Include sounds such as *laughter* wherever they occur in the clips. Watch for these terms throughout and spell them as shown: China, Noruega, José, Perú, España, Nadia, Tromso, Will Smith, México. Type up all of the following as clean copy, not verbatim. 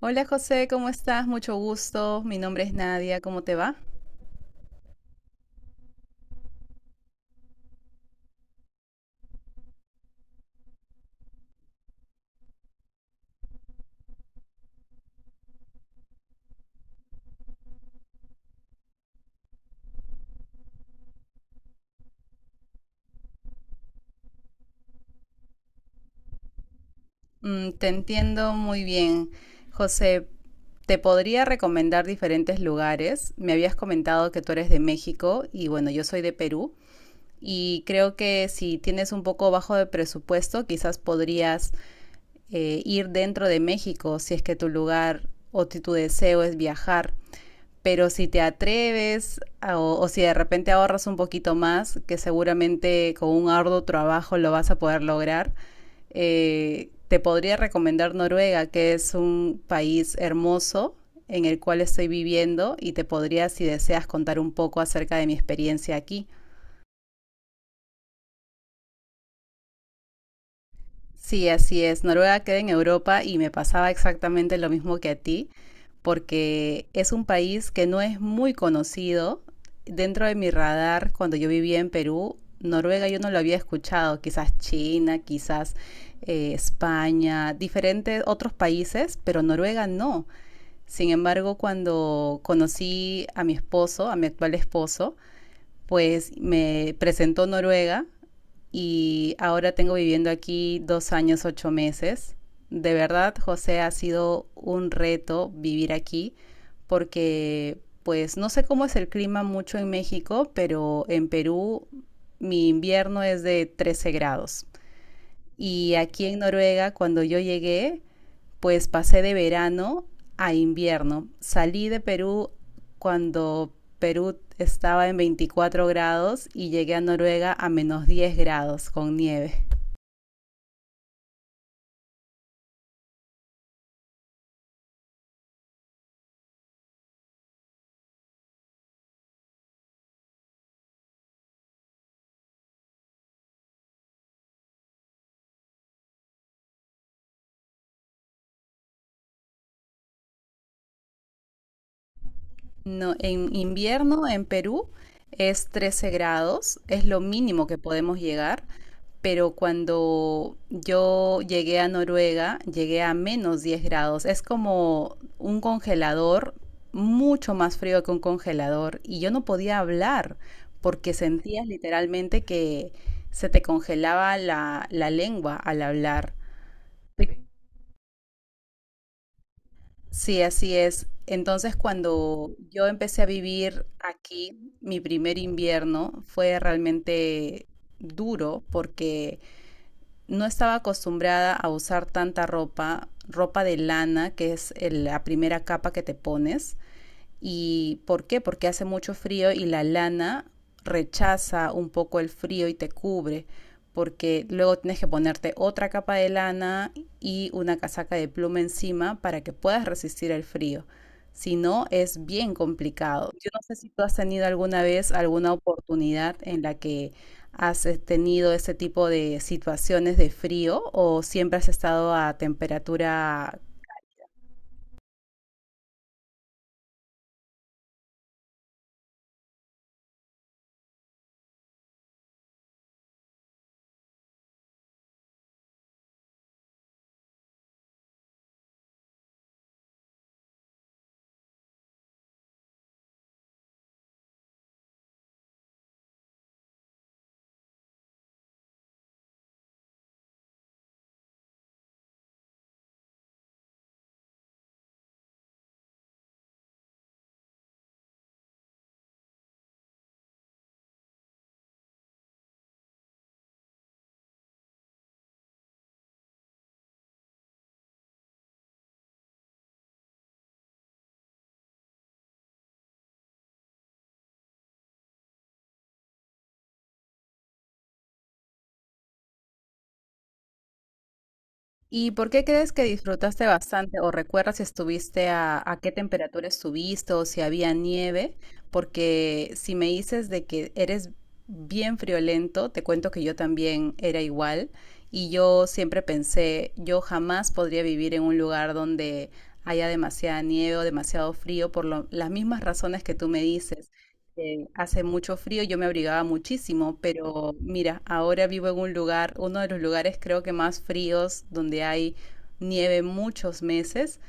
Hola José, ¿cómo estás? Mucho gusto. Mi nombre es Nadia. ¿Cómo te va? Te entiendo muy bien. José, te podría recomendar diferentes lugares. Me habías comentado que tú eres de México y bueno, yo soy de Perú. Y creo que si tienes un poco bajo de presupuesto, quizás podrías ir dentro de México si es que tu lugar o tu deseo es viajar. Pero si te atreves o si de repente ahorras un poquito más, que seguramente con un arduo trabajo lo vas a poder lograr, te podría recomendar Noruega, que es un país hermoso en el cual estoy viviendo y te podría, si deseas, contar un poco acerca de mi experiencia aquí. Sí, así es. Noruega queda en Europa y me pasaba exactamente lo mismo que a ti, porque es un país que no es muy conocido. Dentro de mi radar, cuando yo vivía en Perú, Noruega yo no lo había escuchado, quizás China, quizás España, diferentes otros países, pero Noruega no. Sin embargo, cuando conocí a mi esposo, a mi actual esposo, pues me presentó Noruega y ahora tengo viviendo aquí 2 años, 8 meses. De verdad, José, ha sido un reto vivir aquí porque pues no sé cómo es el clima mucho en México, pero en Perú mi invierno es de 13 grados. Y aquí en Noruega, cuando yo llegué, pues pasé de verano a invierno. Salí de Perú cuando Perú estaba en 24 grados y llegué a Noruega a menos 10 grados con nieve. No, en invierno en Perú es 13 grados, es lo mínimo que podemos llegar, pero cuando yo llegué a Noruega, llegué a -10 grados. Es como un congelador, mucho más frío que un congelador, y yo no podía hablar porque sentías literalmente que se te congelaba la lengua al hablar. Sí, así es. Entonces, cuando yo empecé a vivir aquí, mi primer invierno fue realmente duro porque no estaba acostumbrada a usar tanta ropa, ropa de lana, que es la primera capa que te pones. ¿Y por qué? Porque hace mucho frío y la lana rechaza un poco el frío y te cubre, porque luego tienes que ponerte otra capa de lana y una casaca de pluma encima para que puedas resistir el frío. Si no, es bien complicado. Yo no sé si tú has tenido alguna vez alguna oportunidad en la que has tenido ese tipo de situaciones de frío o siempre has estado a temperatura. ¿Y por qué crees que disfrutaste bastante o recuerdas si estuviste a qué temperatura estuviste o si había nieve? Porque si me dices de que eres bien friolento, te cuento que yo también era igual y yo siempre pensé, yo jamás podría vivir en un lugar donde haya demasiada nieve o demasiado frío por las mismas razones que tú me dices, hace mucho frío, yo me abrigaba muchísimo, pero mira, ahora vivo en un lugar, uno de los lugares creo que más fríos, donde hay nieve muchos meses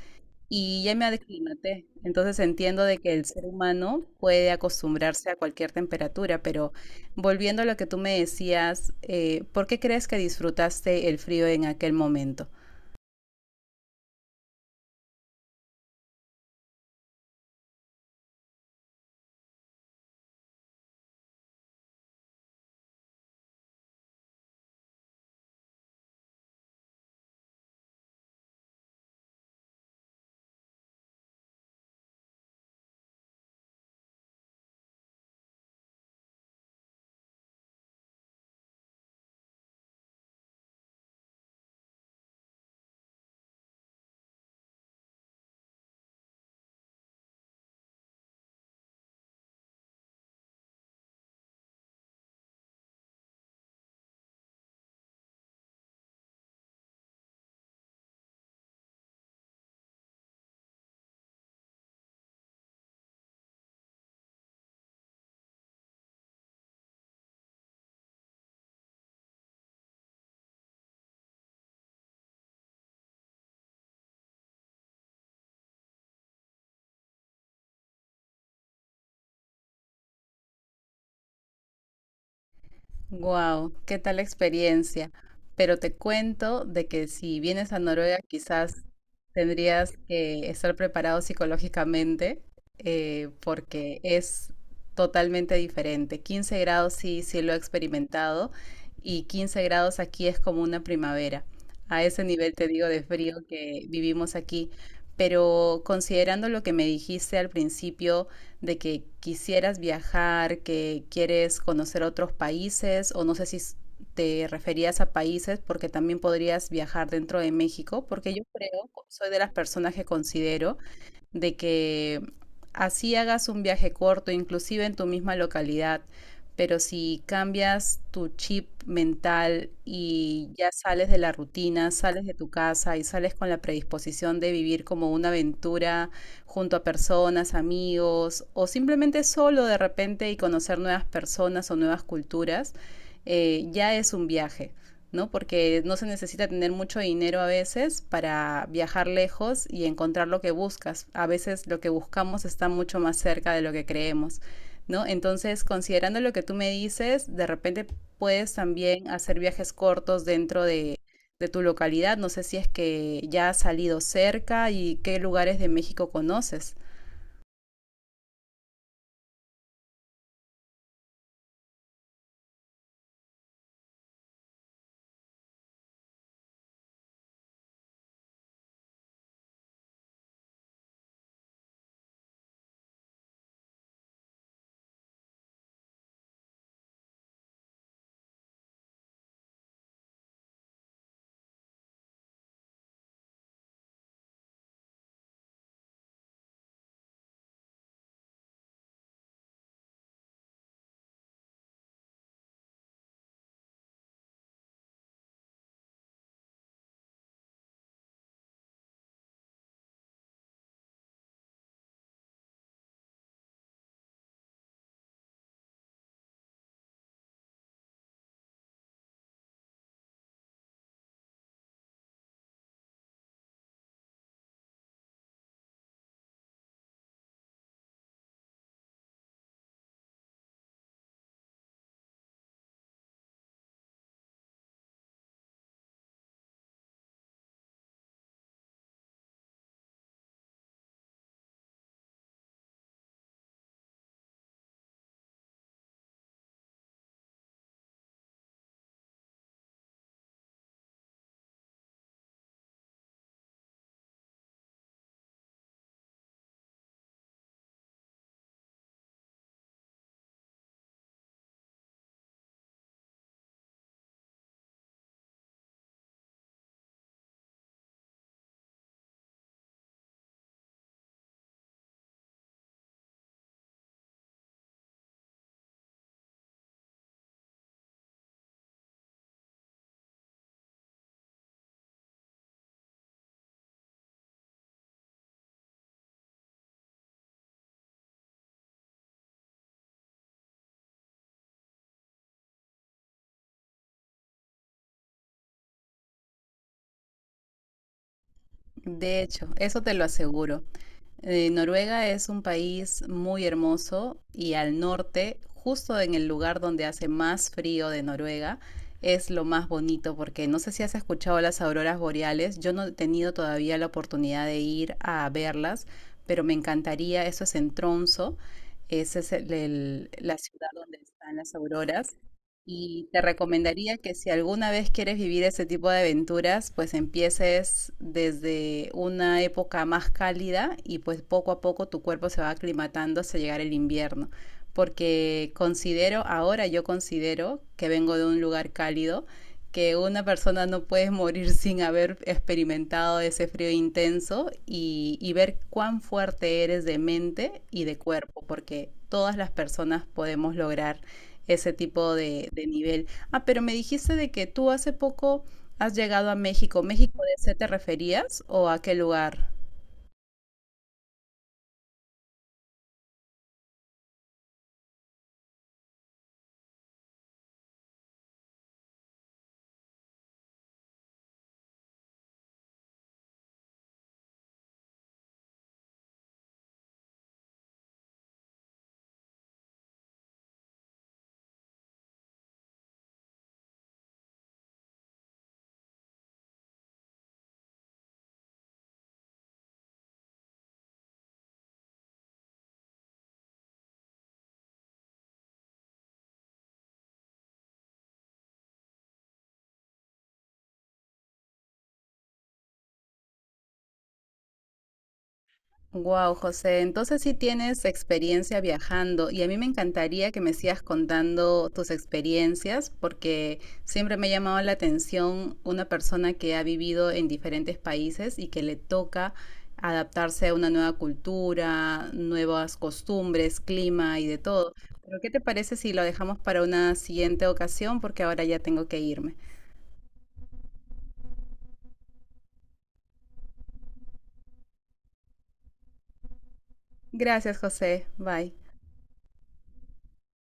y ya me aclimaté. Entonces entiendo de que el ser humano puede acostumbrarse a cualquier temperatura, pero volviendo a lo que tú me decías, ¿por qué crees que disfrutaste el frío en aquel momento? Wow, qué tal experiencia. Pero te cuento de que si vienes a Noruega, quizás tendrías que estar preparado psicológicamente, porque es totalmente diferente. 15 grados sí, sí lo he experimentado, y 15 grados aquí es como una primavera. A ese nivel te digo de frío que vivimos aquí. Pero considerando lo que me dijiste al principio, de que quisieras viajar, que quieres conocer otros países o no sé si te referías a países porque también podrías viajar dentro de México, porque yo creo, soy de las personas que considero de que así hagas un viaje corto, inclusive en tu misma localidad, pero si cambias tu chip mental y ya sales de la rutina, sales de tu casa y sales con la predisposición de vivir como una aventura junto a personas, amigos o simplemente solo de repente y conocer nuevas personas o nuevas culturas, ya es un viaje. ¿No? Porque no se necesita tener mucho dinero a veces para viajar lejos y encontrar lo que buscas. A veces lo que buscamos está mucho más cerca de lo que creemos, ¿no? Entonces, considerando lo que tú me dices, de repente puedes también hacer viajes cortos dentro de tu localidad. No sé si es que ya has salido cerca y qué lugares de México conoces. De hecho, eso te lo aseguro. Noruega es un país muy hermoso y al norte, justo en el lugar donde hace más frío de Noruega, es lo más bonito porque no sé si has escuchado las auroras boreales, yo no he tenido todavía la oportunidad de ir a verlas, pero me encantaría, eso es en Tromso, esa es la ciudad donde están las auroras y te recomendaría que si alguna vez quieres vivir ese tipo de aventuras, pues empieces desde una época más cálida y pues poco a poco tu cuerpo se va aclimatando hasta llegar el invierno. Porque considero, ahora yo considero que vengo de un lugar cálido, que una persona no puede morir *laughs* sin haber experimentado ese frío intenso y ver cuán fuerte eres de mente y de cuerpo, porque todas las personas podemos lograr ese tipo de nivel. Ah, pero me dijiste de que tú hace poco has llegado a México. ¿México de ese te referías o a qué lugar? Wow, José, entonces sí tienes experiencia viajando y a mí me encantaría que me sigas contando tus experiencias porque siempre me ha llamado la atención una persona que ha vivido en diferentes países y que le toca adaptarse a una nueva cultura, nuevas costumbres, clima y de todo. Pero ¿qué te parece si lo dejamos para una siguiente ocasión? Porque ahora ya tengo que irme. Gracias, José. Bye.